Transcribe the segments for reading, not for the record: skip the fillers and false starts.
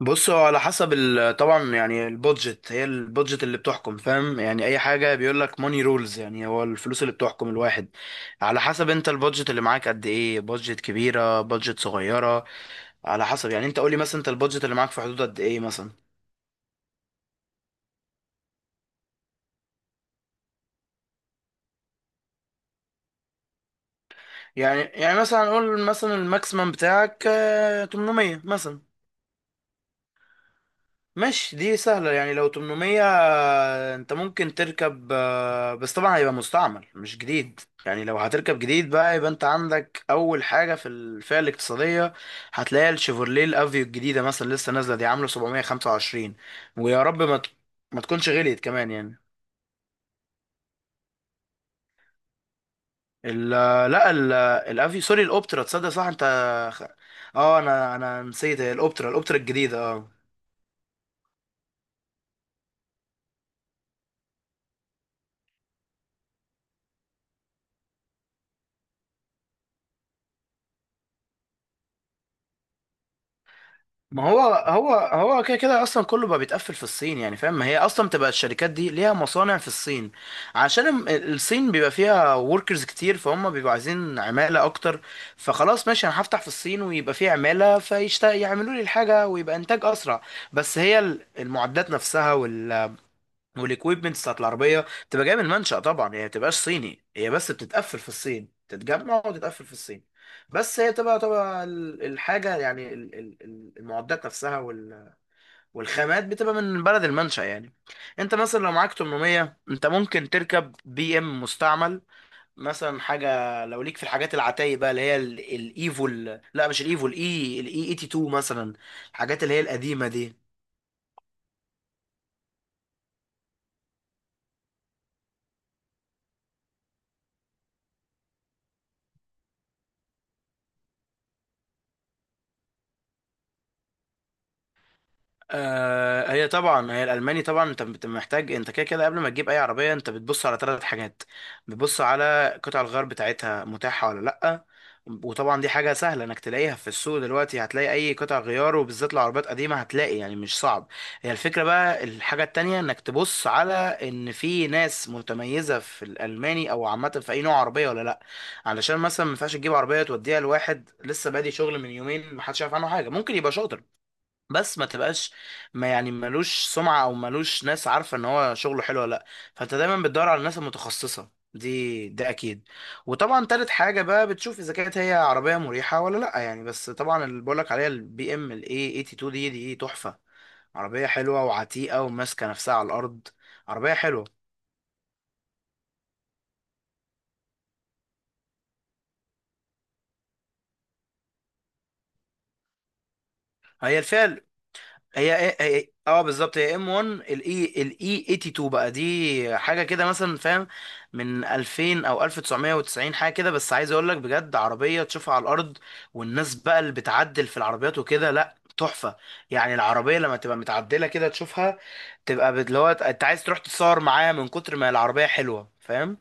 بص، هو على حسب طبعا يعني البودجت، هي البودجت اللي بتحكم. فاهم؟ يعني اي حاجه بيقول لك ماني رولز، يعني هو الفلوس اللي بتحكم الواحد. على حسب انت البودجت اللي معاك قد ايه، بودجت كبيره بودجت صغيره. على حسب يعني انت قول لي مثلا، انت البودجت اللي معاك في حدود قد ايه مثلا؟ يعني مثلا قول مثلا الماكسيمم بتاعك 800 مثلا. مش دي سهلة، يعني لو 800 انت ممكن تركب، بس طبعا هيبقى مستعمل مش جديد. يعني لو هتركب جديد بقى، يبقى انت عندك اول حاجة في الفئة الاقتصادية هتلاقي الشيفورليه الافيو الجديدة مثلا لسه نازلة، دي عاملة 725. ويا رب ما تكونش غليت كمان يعني. ال لا الافيو، سوري، الاوبترا، تصدق؟ صح انت. اه، انا نسيت، هي الاوبترا، الجديدة، اه. ما هو هو كده اصلا كله بقى بيتقفل في الصين يعني. فاهم؟ ما هي اصلا تبقى الشركات دي ليها مصانع في الصين. عشان الم- الصين بيبقى فيها وركرز كتير، فهم بيبقوا عايزين عمالة اكتر. فخلاص ماشي، انا هفتح في الصين ويبقى فيه عمالة، فيشتغل يعملوا لي الحاجة، ويبقى انتاج اسرع. بس هي المعدات نفسها والاكويبمنتس بتاعت العربيه بتبقى جايه من المنشأ، طبعا هي ما بتبقاش صيني، هي بس بتتقفل في الصين، تتجمع وتتقفل في الصين. بس هي تبقى الحاجه يعني، المعدات نفسها والخامات بتبقى من بلد المنشأ يعني. انت مثلا لو معاك 800 انت ممكن تركب بي ام مستعمل مثلا. حاجه لو ليك في الحاجات العتايه بقى، اللي هي ال- الايفو ال- لا مش الايفو الاي 82 مثلا، الحاجات اللي هي القديمه دي. آه، هي طبعا هي الالماني، طبعا انت محتاج. انت كده كده قبل ما تجيب اي عربيه انت بتبص على ثلاث حاجات: بتبص على قطع الغيار بتاعتها متاحه ولا لا، وطبعا دي حاجه سهله انك تلاقيها في السوق. دلوقتي هتلاقي اي قطع غيار، وبالذات العربيات قديمه هتلاقي، يعني مش صعب. هي الفكره بقى. الحاجه التانية، انك تبص على ان في ناس متميزه في الالماني او عامه في اي نوع عربيه ولا لا، علشان مثلا ما ينفعش تجيب عربيه توديها لواحد لسه بادي شغل من يومين، ما حدش عارف عنه حاجه. ممكن يبقى شاطر بس ما تبقاش، ما يعني ملوش سمعة او ملوش ناس عارفة ان هو شغله حلو ولا لا. فانت دايما بتدور على الناس المتخصصة دي، ده اكيد. وطبعا تالت حاجة بقى بتشوف اذا كانت هي عربية مريحة ولا لا يعني. بس طبعا اللي بقولك عليها البي ام الاي 82 دي، دي تحفة. عربية حلوة وعتيقة وماسكة نفسها على الارض، عربية حلوة. هي الفئة، إيه. اه، بالظبط، هي ام 1، الاي 82 بقى، دي حاجه كده مثلا، فاهم؟ من 2000 او 1990 حاجه كده، بس عايز اقول لك بجد، عربيه تشوفها على الارض. والناس بقى اللي بتعدل في العربيات وكده، لا تحفه يعني. العربيه لما تبقى متعدله كده تشوفها، تبقى اللي هو انت عايز تروح تتصور معاها من كتر ما العربيه حلوه. فاهم؟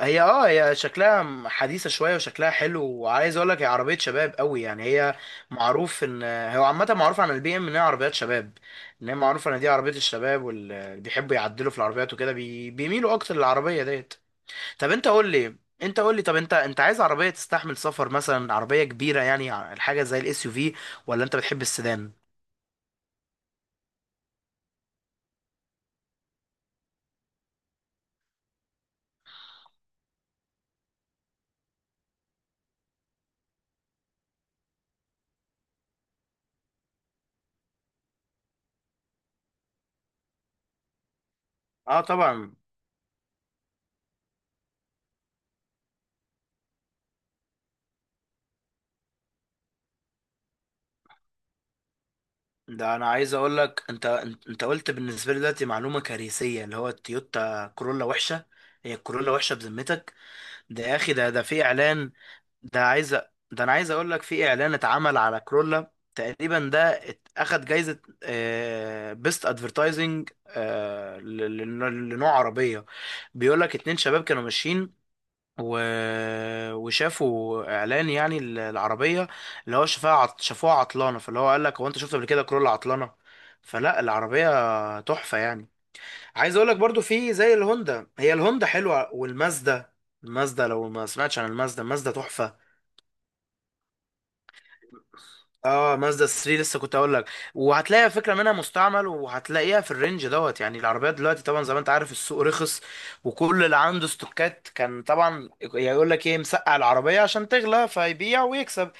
هي اه، هي شكلها حديثة شوية وشكلها حلو، وعايز اقول لك هي عربية شباب قوي يعني. هي معروف ان، هو عامة معروف عن البي ام ان هي عربيات شباب، ان هي معروفة ان دي عربية الشباب، واللي بيحبوا يعدلوا في العربيات وكده بيميلوا اكتر للعربية ديت. طب انت قول لي، طب انت عايز عربية تستحمل سفر مثلا، عربية كبيرة يعني، حاجة زي الاس يو في، ولا انت بتحب السيدان؟ اه طبعا. ده انا عايز اقول لك انت انت قلت بالنسبه لي دلوقتي معلومه كارثيه، اللي هو التويوتا كورولا وحشه. هي الكورولا وحشه بذمتك؟ ده يا اخي، ده في اعلان، ده عايز أ- ده انا عايز اقول لك، في اعلان اتعمل على كورولا تقريبا، ده اخد جايزه بيست ادفرتايزنج لنوع عربيه. بيقول لك اتنين شباب كانوا ماشيين، و... وشافوا اعلان يعني العربيه، اللي هو شافوها عطلانه. فاللي هو قال لك، هو انت شفت قبل كده كرولا عطلانه؟ فلا، العربيه تحفه يعني. عايز اقول لك برضو، في زي الهوندا، هي الهوندا حلوه، والمازدا، المازدا لو ما سمعتش عن المازدا، المازدا تحفه. اه مازدا 3 لسه كنت اقول لك، وهتلاقي فكره منها مستعمل، وهتلاقيها في الرينج دوت. يعني العربيات دلوقتي طبعا، زي ما انت عارف، السوق رخص. وكل اللي عنده استوكات كان طبعا يقول لك ايه، مسقع العربيه عشان تغلى، فيبيع ويكسب.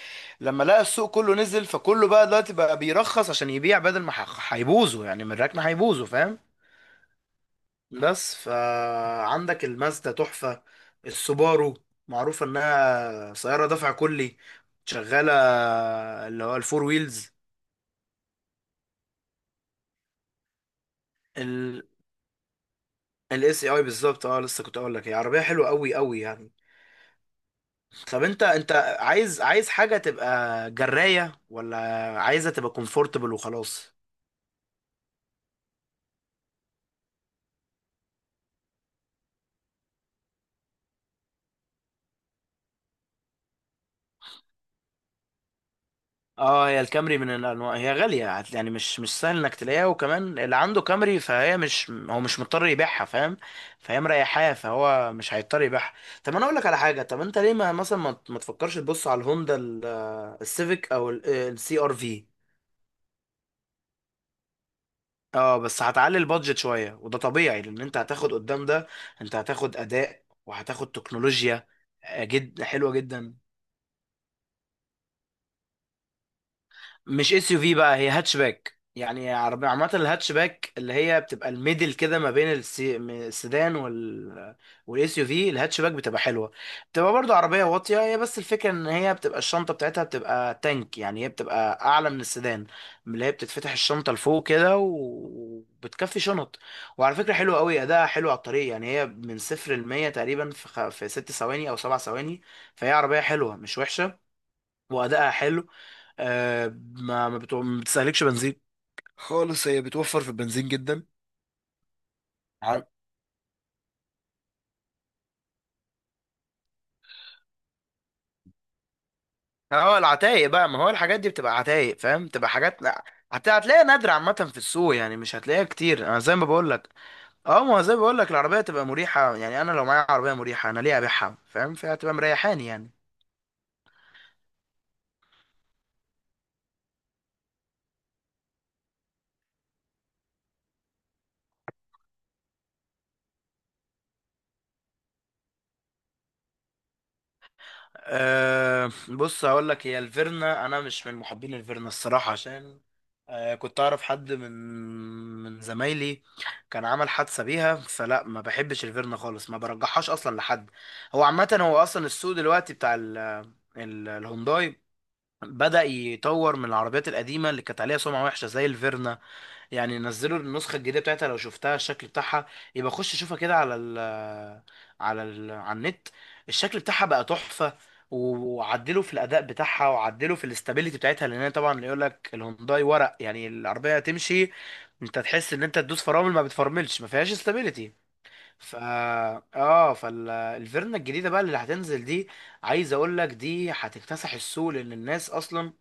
لما لقى السوق كله نزل، فكله بقى دلوقتي بقى بيرخص عشان يبيع، بدل ما هيبوظوا يعني، من الركنه هيبوظوا، فاهم؟ بس فعندك المازدا تحفه. السوبارو معروفه انها سياره دفع كلي شغاله، اللي هو الفور ويلز. ال الاس اي بالظبط، اه لسه كنت اقول لك، هي عربيه حلوه قوي قوي يعني. طب انت، عايز حاجه تبقى جرايه، ولا عايزها تبقى كومفورتبل وخلاص؟ اه، هي الكامري من الانواع، هي غاليه، يعني مش سهل انك تلاقيها. وكمان اللي عنده كامري فهي مش، هو مش مضطر يبيعها، فاهم؟ فهي مريحاه، فهو مش هيضطر يبيعها. طب انا اقول لك على حاجه، طب انت ليه ما مثلا ما تفكرش تبص على الهوندا السيفيك او السي ار في؟ اه، بس هتعلي البادجت شويه، وده طبيعي لان انت هتاخد قدام ده، انت هتاخد اداء وهتاخد تكنولوجيا. آه، جد حلوه جدا. مش اس يو في بقى، هي هاتشباك يعني، عربية عامة. الهاتشباك اللي هي بتبقى الميدل كده ما بين السيدان وال، والاس يو في. الهاتشباك بتبقى حلوة، بتبقى برضو عربية واطية هي، بس الفكرة ان هي بتبقى الشنطة بتاعتها بتبقى تانك يعني، هي بتبقى اعلى من السيدان، اللي هي بتتفتح الشنطة لفوق كده وبتكفي شنط. وعلى فكرة حلوة قوي، اداها حلو على الطريق يعني. هي من صفر لمية تقريبا في في ست ثواني او سبع ثواني. فهي عربية حلوة مش وحشة، وادائها حلو. آه ما بتستهلكش بنزين خالص، هي بتوفر في البنزين جدا. عم- اه، العتايق بقى، ما هو الحاجات دي بتبقى عتايق، فاهم؟ بتبقى حاجات لا، هتلاقيها نادرة عامة في السوق يعني، مش هتلاقيها كتير انا زي ما بقول لك. اه، ما هو زي ما بقول لك، العربية تبقى مريحة يعني، انا لو معايا عربية مريحة انا ليه ابيعها؟ فاهم؟ فهتبقى مريحاني يعني. أه بص، هقول لك، هي الفيرنا انا مش من محبين الفيرنا الصراحه، عشان أه كنت اعرف حد من زمايلي كان عمل حادثه بيها. فلا، ما بحبش الفيرنا خالص، ما برجحهاش اصلا لحد. هو عامه، هو اصلا السوق دلوقتي بتاع ال ال الهونداي بدأ يطور من العربيات القديمه اللي كانت عليها سمعه وحشه زي الفيرنا. يعني نزلوا النسخة الجديدة بتاعتها، لو شفتها الشكل بتاعها، يبقى خش شوفها كده على ال على ال على النت. الشكل بتاعها بقى تحفة. وعدلوا في الأداء بتاعها، وعدلوا في الاستابيليتي بتاعتها، لأن هي طبعا يقول لك الهونداي ورق يعني، العربية تمشي انت تحس ان انت تدوس فرامل ما بتفرملش، ما فيهاش استابيليتي. ف اه فالفيرنا الجديدة بقى اللي هتنزل دي، عايز اقول لك دي هتكتسح السوق. لأن الناس أصلا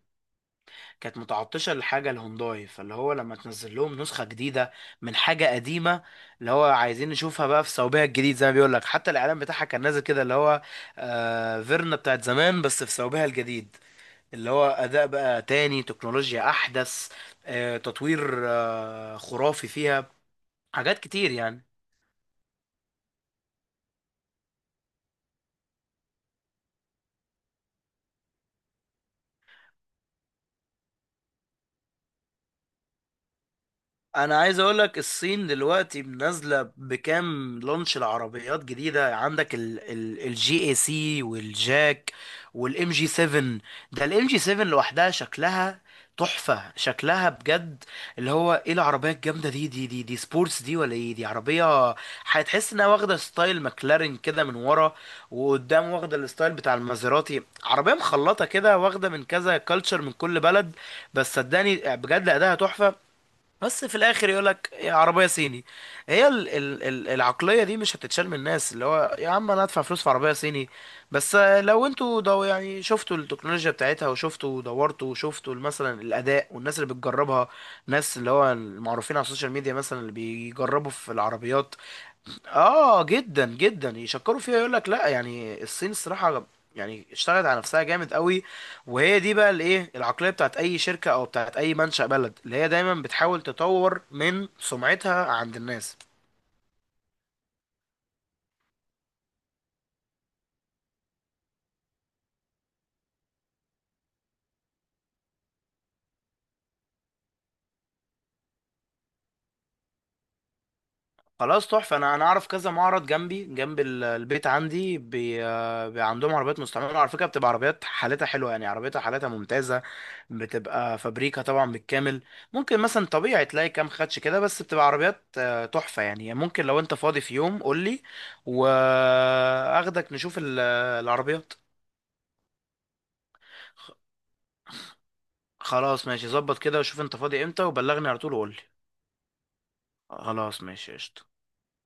كانت متعطشة لحاجة الهونداي، فاللي هو لما تنزل لهم نسخة جديدة من حاجة قديمة، اللي هو عايزين نشوفها بقى في صوبها الجديد. زي ما بيقول لك، حتى الإعلان بتاعها كان نازل كده، اللي هو آه فيرنا بتاعت زمان بس في صوبها الجديد. اللي هو أداء بقى تاني، تكنولوجيا أحدث، آه تطوير آه خرافي فيها، حاجات كتير يعني. انا عايز اقول لك، الصين دلوقتي منزله بكام لونش العربيات جديده، عندك الجي اي سي والجاك، والام جي 7. ده الام جي 7 لوحدها شكلها تحفه شكلها بجد، اللي هو ايه؟ العربيه الجامده دي، دي سبورتس دي ولا ايه؟ دي عربيه هتحس انها واخده ستايل ماكلارين كده من ورا، وقدام واخده الستايل بتاع المازيراتي، عربيه مخلطه كده واخده من كذا كلتشر من كل بلد. بس صدقني بجد اداها تحفه. بس في الاخر يقول لك يا عربيه صيني، هي ال ال ال العقليه دي مش هتتشال من الناس، اللي هو يا عم انا ادفع فلوس في عربيه صيني؟ بس لو انتوا دو يعني شفتوا التكنولوجيا بتاعتها، وشفتوا ودورتوا، وشفتوا مثلا الاداء والناس اللي بتجربها، ناس اللي هو المعروفين على السوشيال ميديا مثلا اللي بيجربوا في العربيات، اه جدا جدا يشكروا فيها. يقول لك لا يعني، الصين الصراحه يعني اشتغلت على نفسها جامد قوي. وهي دي بقى الايه، العقليه بتاعت اي شركه او بتاعت اي منشأ بلد، اللي هي دايما بتحاول تطور من سمعتها عند الناس. خلاص تحفة، أنا أعرف كذا معرض جنبي جنب البيت عندي. بي، عندهم عربيات مستعملة على فكرة، بتبقى عربيات حالتها حلوة يعني، عربيتها حالتها ممتازة. بتبقى فابريكا طبعا بالكامل. ممكن مثلا طبيعي تلاقي كام خدش كده، بس بتبقى عربيات تحفة يعني. ممكن لو أنت فاضي في يوم قولي، وأخدك نشوف العربيات. خ- خلاص ماشي ظبط كده، وشوف أنت فاضي إمتى وبلغني على طول وقولي. خلاص ماشي، قشطة.